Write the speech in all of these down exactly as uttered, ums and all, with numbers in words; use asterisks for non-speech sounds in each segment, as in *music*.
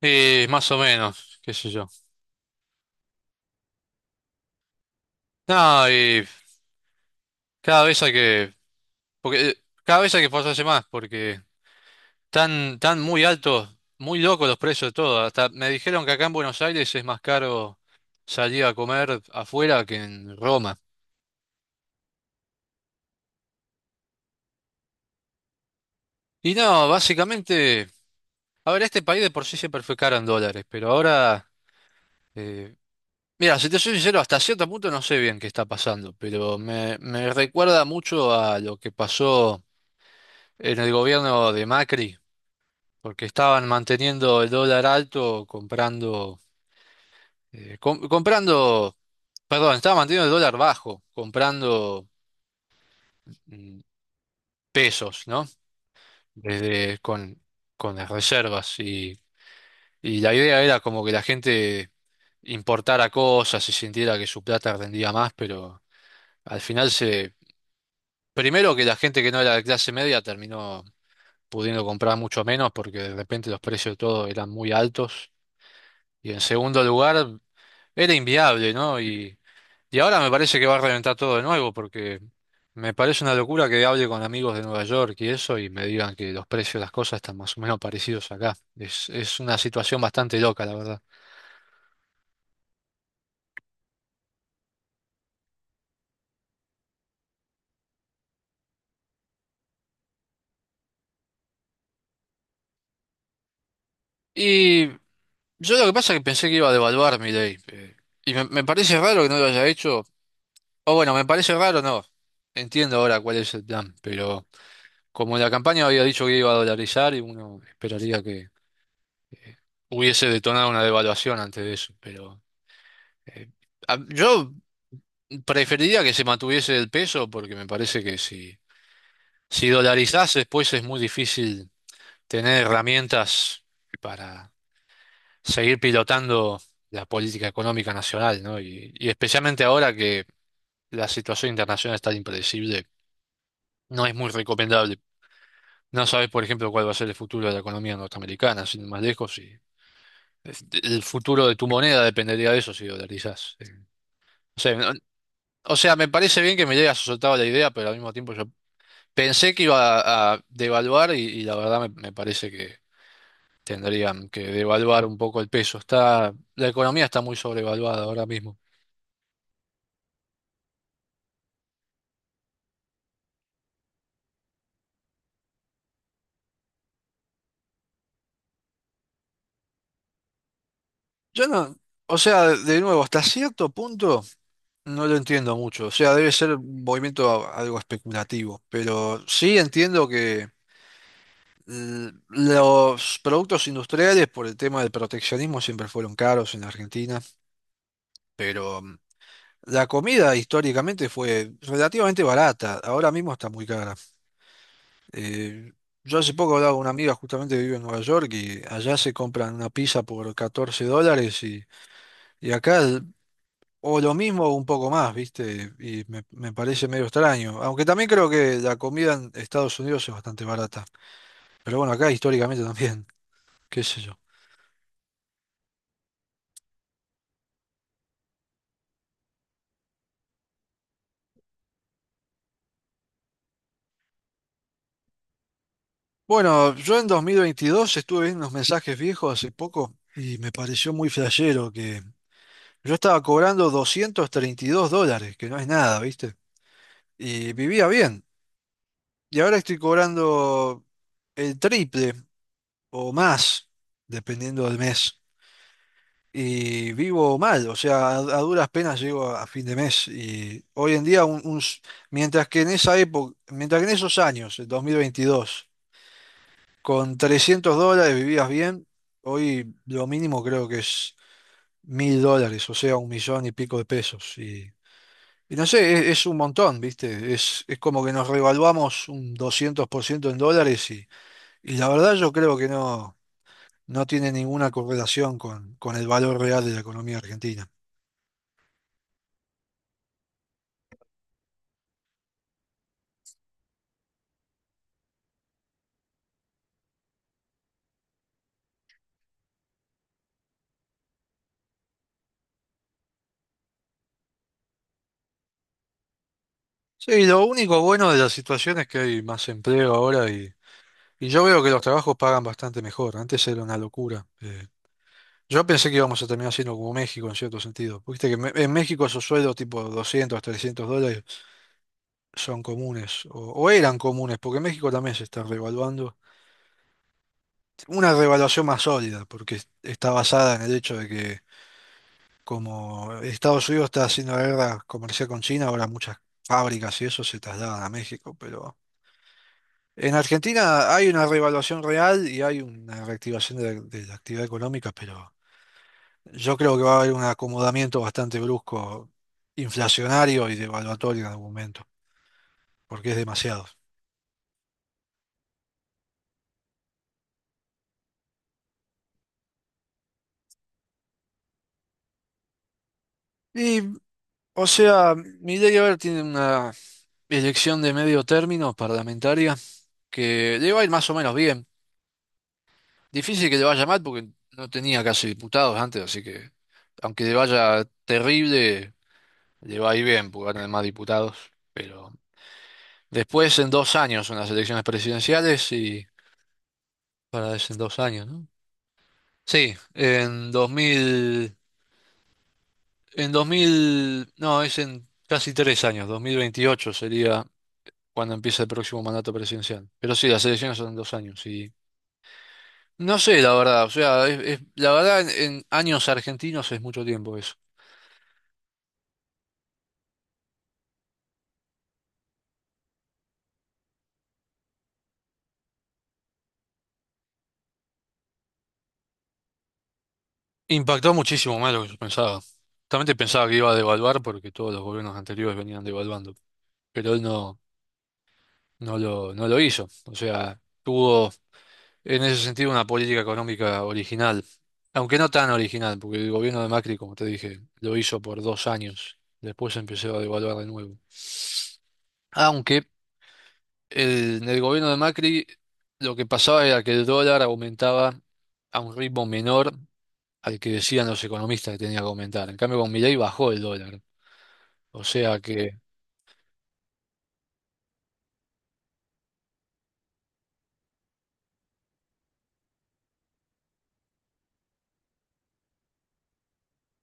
Y más o menos, qué sé yo. No, y cada vez hay que, porque eh, cada vez hay que esforzarse más, porque están tan muy altos, muy locos los precios de todo. Hasta me dijeron que acá en Buenos Aires es más caro salir a comer afuera que en Roma. Y no, básicamente, a ver, este país de por sí siempre fue caro en dólares, pero ahora, eh, mira, si te soy sincero, hasta cierto punto no sé bien qué está pasando, pero me, me recuerda mucho a lo que pasó en el gobierno de Macri porque estaban manteniendo el dólar alto comprando, eh, com- comprando, perdón, estaban manteniendo el dólar bajo, comprando mm, pesos, ¿no? Desde con, con las reservas y, y la idea era como que la gente importara cosas y sintiera que su plata rendía más, pero al final se, primero que la gente que no era de clase media terminó pudiendo comprar mucho menos porque de repente los precios de todo eran muy altos y en segundo lugar era inviable, ¿no? Y Y ahora me parece que va a reventar todo de nuevo, porque me parece una locura que hable con amigos de Nueva York y eso y me digan que los precios de las cosas están más o menos parecidos acá. Es, es una situación bastante loca, la verdad. Y yo lo que pasa es que pensé que iba a devaluar mi ley. Eh, y me, me parece raro que no lo haya hecho. O bueno, me parece raro, no. Entiendo ahora cuál es el plan, pero como la campaña había dicho que iba a dolarizar, y uno esperaría que eh, hubiese detonado una devaluación antes de eso, pero... eh, a- Yo preferiría que se mantuviese el peso porque me parece que si, si dolarizás después es muy difícil tener herramientas para seguir pilotando la política económica nacional, ¿no? Y, y especialmente ahora que la situación internacional es tan impredecible, no es muy recomendable. No sabes, por ejemplo, cuál va a ser el futuro de la economía norteamericana, sin ir más lejos, y el futuro de tu moneda dependería de eso si dolarizás. Eh, O sea, no- o sea, me parece bien que me llegue soltado la idea, pero al mismo tiempo yo pensé que iba a devaluar y, y la verdad me, me parece que tendrían que devaluar un poco el peso. Está, la economía está muy sobrevaluada ahora mismo. Yo no, o sea, de nuevo, hasta cierto punto no lo entiendo mucho. O sea, debe ser un movimiento a- algo especulativo, pero sí entiendo que l- los productos industriales por el tema del proteccionismo siempre fueron caros en Argentina, pero mm, la comida históricamente fue relativamente barata, ahora mismo está muy cara. Eh, yo hace poco hablaba con una amiga justamente que vive en Nueva York y allá se compran una pizza por catorce dólares y, y acá el- o lo mismo o un poco más, ¿viste? Y me, me parece medio extraño. Aunque también creo que la comida en Estados Unidos es bastante barata. Pero bueno, acá históricamente también, *laughs* qué sé yo. Bueno, yo en dos mil veintidós estuve viendo unos mensajes viejos hace poco y me pareció muy flashero que yo estaba cobrando doscientos treinta y dos dólares, que no es nada, ¿viste? Y vivía bien. Y ahora estoy cobrando el triple o más, dependiendo del mes. Y vivo mal, o sea, a, a duras penas llego a, a fin de mes. Y hoy en día, un- un s- mientras que en esa época, mientras que en esos años, el dos mil veintidós con trescientos dólares vivías bien, hoy lo mínimo creo que es mil dólares, o sea, un millón y pico de pesos. Y, y no sé, es, es un montón, ¿viste? Es, es como que nos revaluamos un doscientos por ciento en dólares. Y la verdad yo creo que no, no tiene ninguna correlación con, con el valor real de la economía argentina. Sí, lo único bueno de la situación es que hay más empleo ahora y, y yo veo que los trabajos pagan bastante mejor. Antes era una locura. Eh, yo pensé que íbamos a terminar siendo como México en cierto sentido. Viste que me- en México esos sueldos tipo doscientos, trescientos dólares son comunes o, o eran comunes porque México también se está revaluando. Una revaluación más sólida porque está basada en el hecho de que como Estados Unidos está haciendo la guerra comercial con China, ahora muchas fábricas y eso se trasladan a México, pero en Argentina hay una revaluación real y hay una reactivación de, de la actividad económica, pero yo creo que va a haber un acomodamiento bastante brusco, inflacionario y devaluatorio en algún momento, porque es demasiado. Y, o sea, Milei ahora tiene una elección de medio término parlamentaria que le va a ir más o menos bien. Difícil que le vaya mal porque no tenía casi diputados antes, así que aunque le vaya terrible, le va a ir bien porque va a tener más diputados. Pero después en dos años son las elecciones presidenciales y para es en dos años, ¿no? Sí, en dos mil, en dos mil, no, es en casi tres años, dos mil veintiocho sería cuando empieza el próximo mandato presidencial. Pero sí, las elecciones son en dos años y no sé, la verdad, o sea, es- es- la verdad en en años argentinos es mucho tiempo eso. Impactó muchísimo más de lo que yo pensaba. Justamente pensaba que iba a devaluar porque todos los gobiernos anteriores venían devaluando, pero él no, no lo, no lo hizo. O sea, tuvo en ese sentido una política económica original, aunque no tan original, porque el gobierno de Macri, como te dije, lo hizo por dos años. Después empezó a devaluar de nuevo. Aunque el- en el gobierno de Macri lo que pasaba era que el dólar aumentaba a un ritmo menor al que decían los economistas que tenía que aumentar. En cambio, con Milei bajó el dólar. O sea que...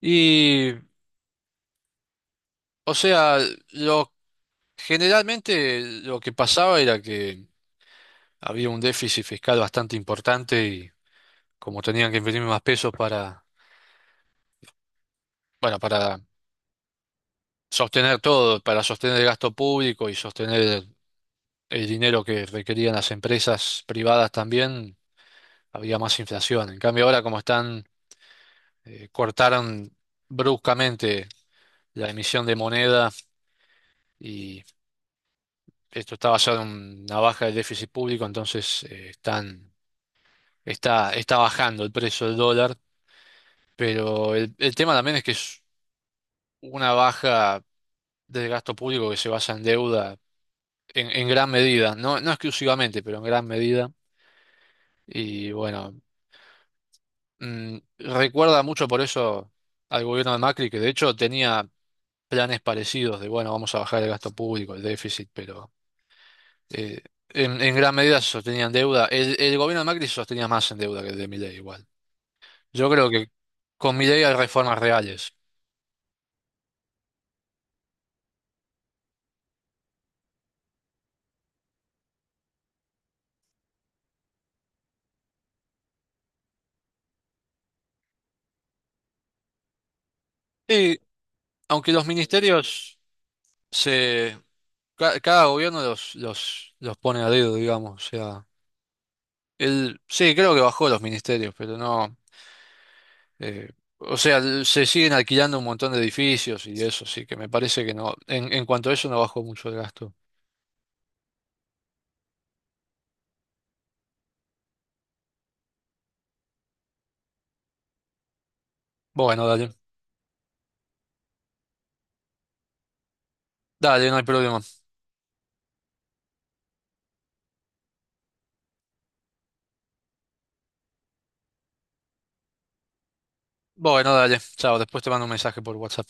Y, o sea, lo, generalmente lo que pasaba era que había un déficit fiscal bastante importante y como tenían que imprimir más pesos para, bueno, para sostener todo, para sostener el gasto público y sostener el dinero que requerían las empresas privadas también, había más inflación. En cambio, ahora como están, eh, cortaron bruscamente la emisión de moneda. Esto está basado en una baja del déficit público, entonces eh, están, está, está bajando el precio del dólar, pero el, el tema también es que es una baja del gasto público que se basa en deuda en, en gran medida, no, no exclusivamente, pero en gran medida. Y bueno, mm, recuerda mucho por eso al gobierno de Macri, que de hecho tenía planes parecidos de, bueno, vamos a bajar el gasto público, el déficit, pero... eh, en, en gran medida se sostenían deuda. El, el gobierno de Macri se sostenía más en deuda que el de Milei igual. Yo creo que con mi ley hay reformas reales. Y aunque los ministerios se... ca- cada gobierno los, los, los pone a dedo, digamos. O sea, él, sí, creo que bajó los ministerios, pero no... eh, o sea, l- se siguen alquilando un montón de edificios y eso, sí, que me parece que no... En, en cuanto a eso no bajó mucho el gasto. Bueno, dale. Dale, no hay problema. Bueno, dale. Chao, después te mando un mensaje por WhatsApp.